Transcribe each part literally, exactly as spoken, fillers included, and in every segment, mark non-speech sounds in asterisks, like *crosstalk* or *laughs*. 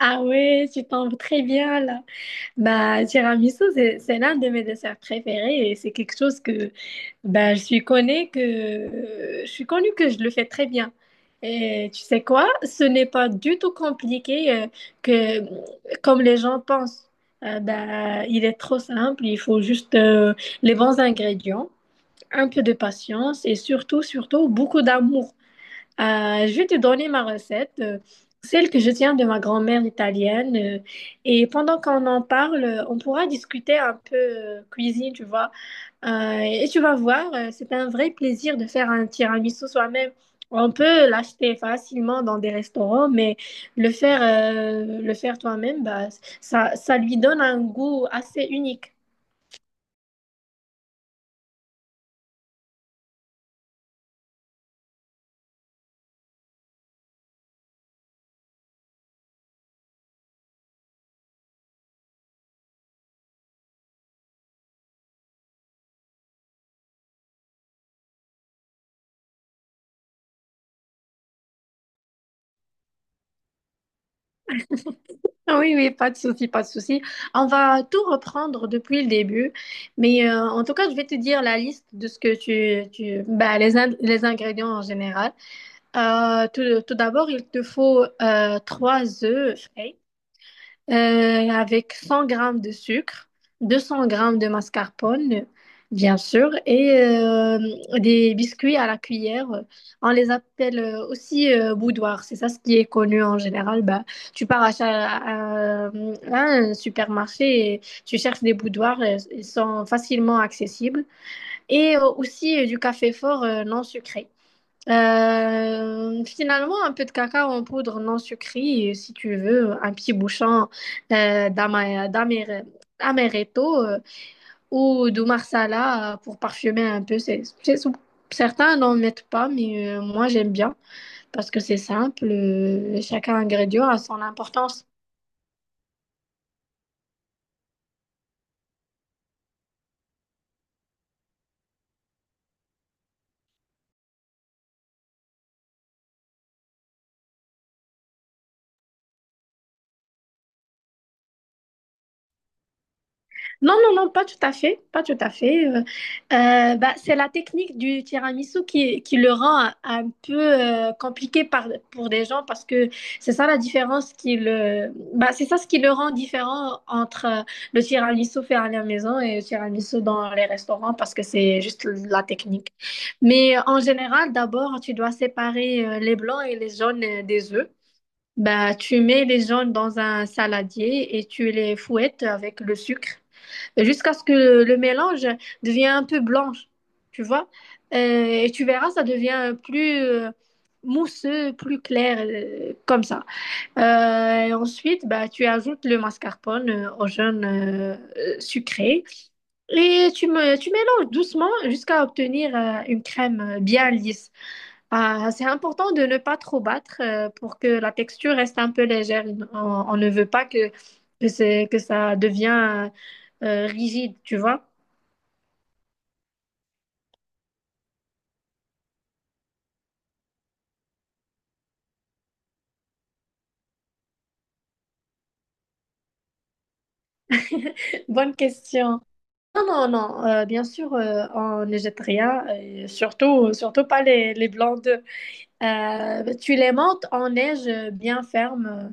Ah ouais, tu tombes très bien là. Bah, tiramisu, c'est c'est l'un de mes desserts préférés et c'est quelque chose que bah, je suis connue que euh, je suis connue que je le fais très bien. Et tu sais quoi? Ce n'est pas du tout compliqué euh, que comme les gens pensent. Euh, bah, il est trop simple, il faut juste euh, les bons ingrédients, un peu de patience et surtout, surtout beaucoup d'amour. Euh, je vais te donner ma recette, euh, celle que je tiens de ma grand-mère italienne. Euh, et pendant qu'on en parle, euh, on pourra discuter un peu euh, cuisine, tu vois. Euh, et tu vas voir, euh, c'est un vrai plaisir de faire un tiramisu soi-même. On peut l'acheter facilement dans des restaurants, mais le faire, euh, le faire toi-même, bah, ça, ça lui donne un goût assez unique. Ah oui, oui, pas de souci, pas de souci. On va tout reprendre depuis le début. Mais euh, en tout cas, je vais te dire la liste de ce que tu, tu bah, les, in- les ingrédients en général. Euh, tout, tout d'abord, il te faut euh, trois œufs frais. Euh, avec cent grammes de sucre, deux cents grammes de mascarpone, bien sûr, et euh, des biscuits à la cuillère. On les appelle euh, aussi euh, boudoir. C'est ça ce qui est connu en général. Bah, tu pars à, cha- à- à un supermarché et tu cherches des boudoirs. euh, Ils sont facilement accessibles. Et euh, aussi euh, du café fort euh, non sucré. Euh, finalement, un peu de cacao en poudre non sucrée, et si tu veux, un petit bouchon euh, d'ama- d'amer- d'amaretto euh, ou de marsala euh, pour parfumer un peu. C'est, c'est- certains n'en mettent pas, mais euh, moi j'aime bien parce que c'est simple. Euh, chaque ingrédient a son importance. Non, non, non, pas tout à fait, pas tout à fait. Euh, euh, bah, c'est la technique du tiramisu qui, qui le rend un peu euh, compliqué par, pour des gens parce que c'est ça la différence qui le, bah, c'est ça ce qui le rend différent entre euh, le tiramisu fait à la maison et le tiramisu dans les restaurants parce que c'est juste la technique. Mais euh, en général, d'abord, tu dois séparer euh, les blancs et les jaunes euh, des œufs. Bah, tu mets les jaunes dans un saladier et tu les fouettes avec le sucre jusqu'à ce que le, le mélange devienne un peu blanche, tu vois. Euh, et tu verras, ça devient plus euh, mousseux, plus clair, euh, comme ça. Euh, et ensuite, bah, tu ajoutes le mascarpone euh, au jaune euh, euh, sucré et tu, me, tu mélanges doucement jusqu'à obtenir euh, une crème euh, bien lisse. Ah, c'est important de ne pas trop battre euh, pour que la texture reste un peu légère. On, on ne veut pas que, que, c'est- que ça devient euh, rigide, tu vois. *laughs* Bonne question. Non, non, non. Euh, bien sûr, euh, on ne jette rien. Et surtout, surtout pas les, les blancs d'œufs. Euh, tu les montes en neige euh, bien ferme euh,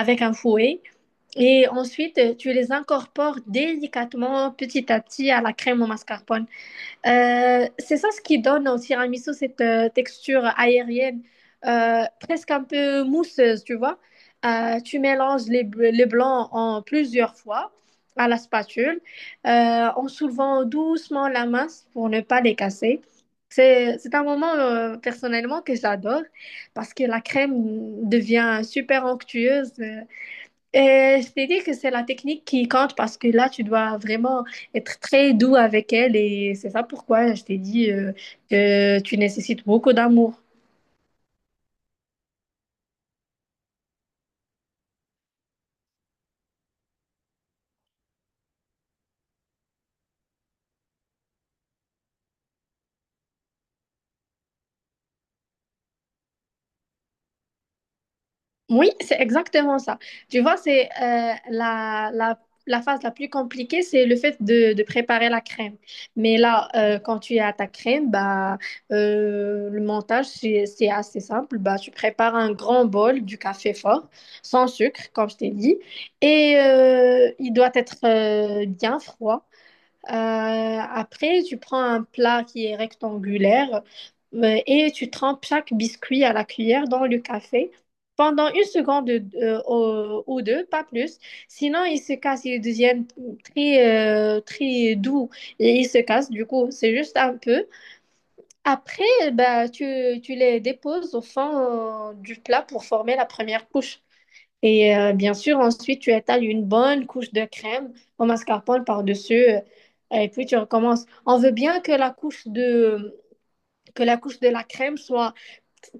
avec un fouet. Et ensuite, euh, tu les incorpores délicatement, petit à petit, à la crème au mascarpone. Euh, c'est ça ce qui donne au tiramisu cette euh, texture aérienne, euh, presque un peu mousseuse, tu vois. Euh, tu mélanges les, bl- les blancs en plusieurs fois à la spatule, euh, en soulevant doucement la masse pour ne pas les casser. C'est, c'est un moment euh, personnellement que j'adore parce que la crème devient super onctueuse. Euh, euh, je t'ai dit que c'est la technique qui compte parce que là, tu dois vraiment être très doux avec elle et c'est ça pourquoi je t'ai dit euh, que tu nécessites beaucoup d'amour. Oui, c'est exactement ça. Tu vois, c'est euh, la, la, la phase la plus compliquée, c'est le fait de, de préparer la crème. Mais là, euh, quand tu as ta crème, bah, euh, le montage, c'est c'est assez simple. Bah, tu prépares un grand bol du café fort, sans sucre, comme je t'ai dit. Et euh, il doit être euh, bien froid. Euh, après, tu prends un plat qui est rectangulaire euh, et tu trempes chaque biscuit à la cuillère dans le café pendant une seconde euh, au- ou deux, pas plus. Sinon, ils se cassent, ils deviennent très, euh, très doux et ils se cassent. Du coup, c'est juste un peu. Après, bah, tu, tu les déposes au fond euh, du plat pour former la première couche. Et euh, bien sûr, ensuite, tu étales une bonne couche de crème au mascarpone par-dessus euh, et puis tu recommences. On veut bien que la couche de, que la couche de la crème soit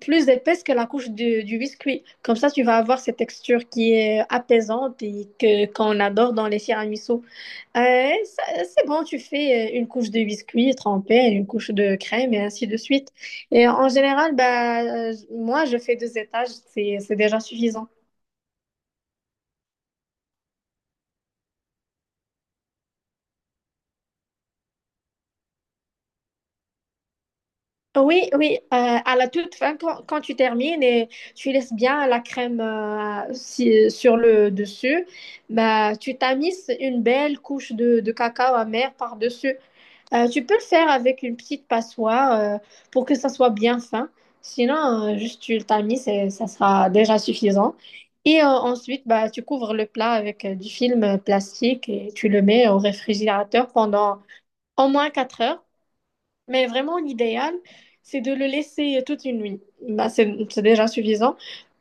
plus épaisse que la couche de- du biscuit. Comme ça, tu vas avoir cette texture qui est apaisante et que qu'on adore dans les tiramisu. Euh, ça- c'est bon, tu fais euh, une couche de biscuit trempé, une couche de crème et ainsi de suite. Et en général, bah, euh, moi, je fais deux étages, c'est c'est déjà suffisant. Oui, oui, euh, à la toute fin, quand, quand tu termines et tu laisses bien la crème euh, si- sur le dessus, bah, tu tamises une belle couche de, de cacao amer par-dessus. Euh, tu peux le faire avec une petite passoire euh, pour que ça soit bien fin. Sinon, euh, juste tu le tamises et ça sera déjà suffisant. Et euh, ensuite, bah, tu couvres le plat avec euh, du film euh, plastique et tu le mets au réfrigérateur pendant au moins quatre heures. Mais vraiment, l'idéal, c'est de le laisser toute une nuit. Bah, c'est c'est déjà suffisant.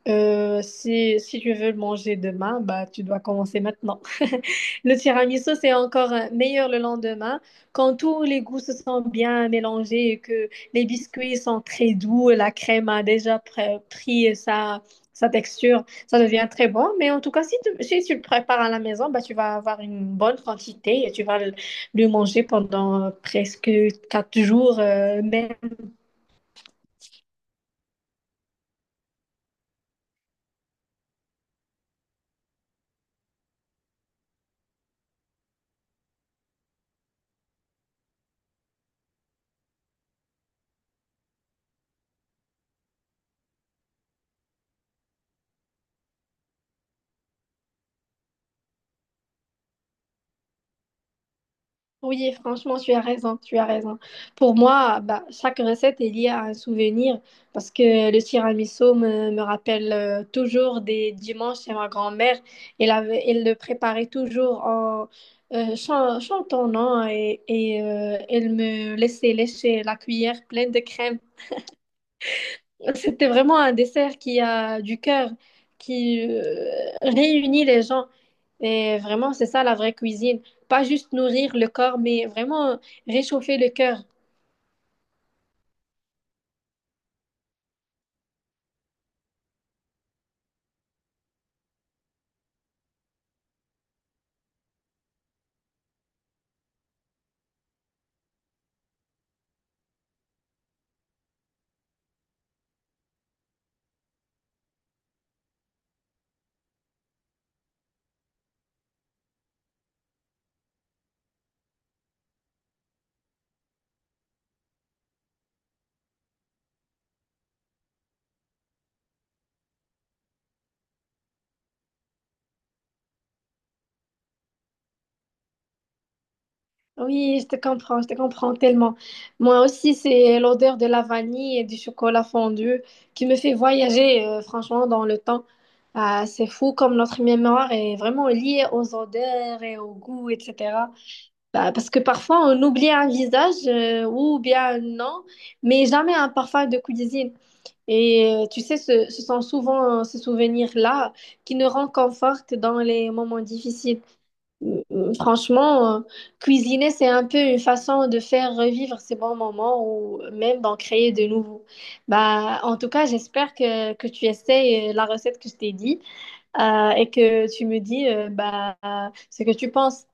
Euh, si, si tu veux le manger demain, bah, tu dois commencer maintenant. *laughs* Le tiramisu, c'est encore euh, meilleur le lendemain quand tous les goûts se sont bien mélangés et que les biscuits sont très doux, la crème a déjà pr- pris sa, sa texture, ça devient très bon. Mais en tout cas, si tu, si tu le prépares à la maison, bah, tu vas avoir une bonne quantité et tu vas le- plus mangé pendant presque quatre jours. euh, même. Oui, franchement, tu as raison, tu as raison. Pour moi, bah, chaque recette est liée à un souvenir parce que le tiramisu me, me rappelle euh, toujours des dimanches chez ma grand-mère. Elle avait, elle le préparait toujours en euh, chan- chantant, non? Et, et, euh, elle me laissait lécher la cuillère pleine de crème. C'était vraiment un dessert qui a du cœur, qui euh, réunit les gens. Et vraiment, c'est ça la vraie cuisine. Pas juste nourrir le corps, mais vraiment réchauffer le cœur. Oui, je te comprends, je te comprends tellement. Moi aussi, c'est l'odeur de la vanille et du chocolat fondu qui me fait voyager, euh, franchement, dans le temps. Ah, c'est fou comme notre mémoire est vraiment liée aux odeurs et aux goûts, et cetera. Bah, parce que parfois, on oublie un visage euh, ou bien un nom, mais jamais un parfum de cuisine. Et euh, tu sais, ce, ce sont souvent euh, ces souvenirs-là qui nous réconfortent dans les moments difficiles. Mm, mm, Franchement, euh, cuisiner, c'est un peu une façon de faire revivre ces bons moments ou même d'en créer de nouveaux. Bah, en tout cas, j'espère que, que tu essayes euh, la recette que je t'ai dit euh, et que tu me dis euh, bah, ce que tu penses.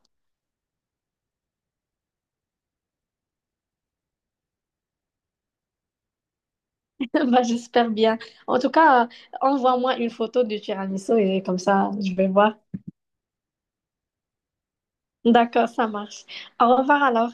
*laughs* Bah, j'espère bien. En tout cas, euh, envoie-moi une photo du tiramisu et comme ça, je vais voir. D'accord, ça marche. Au revoir alors.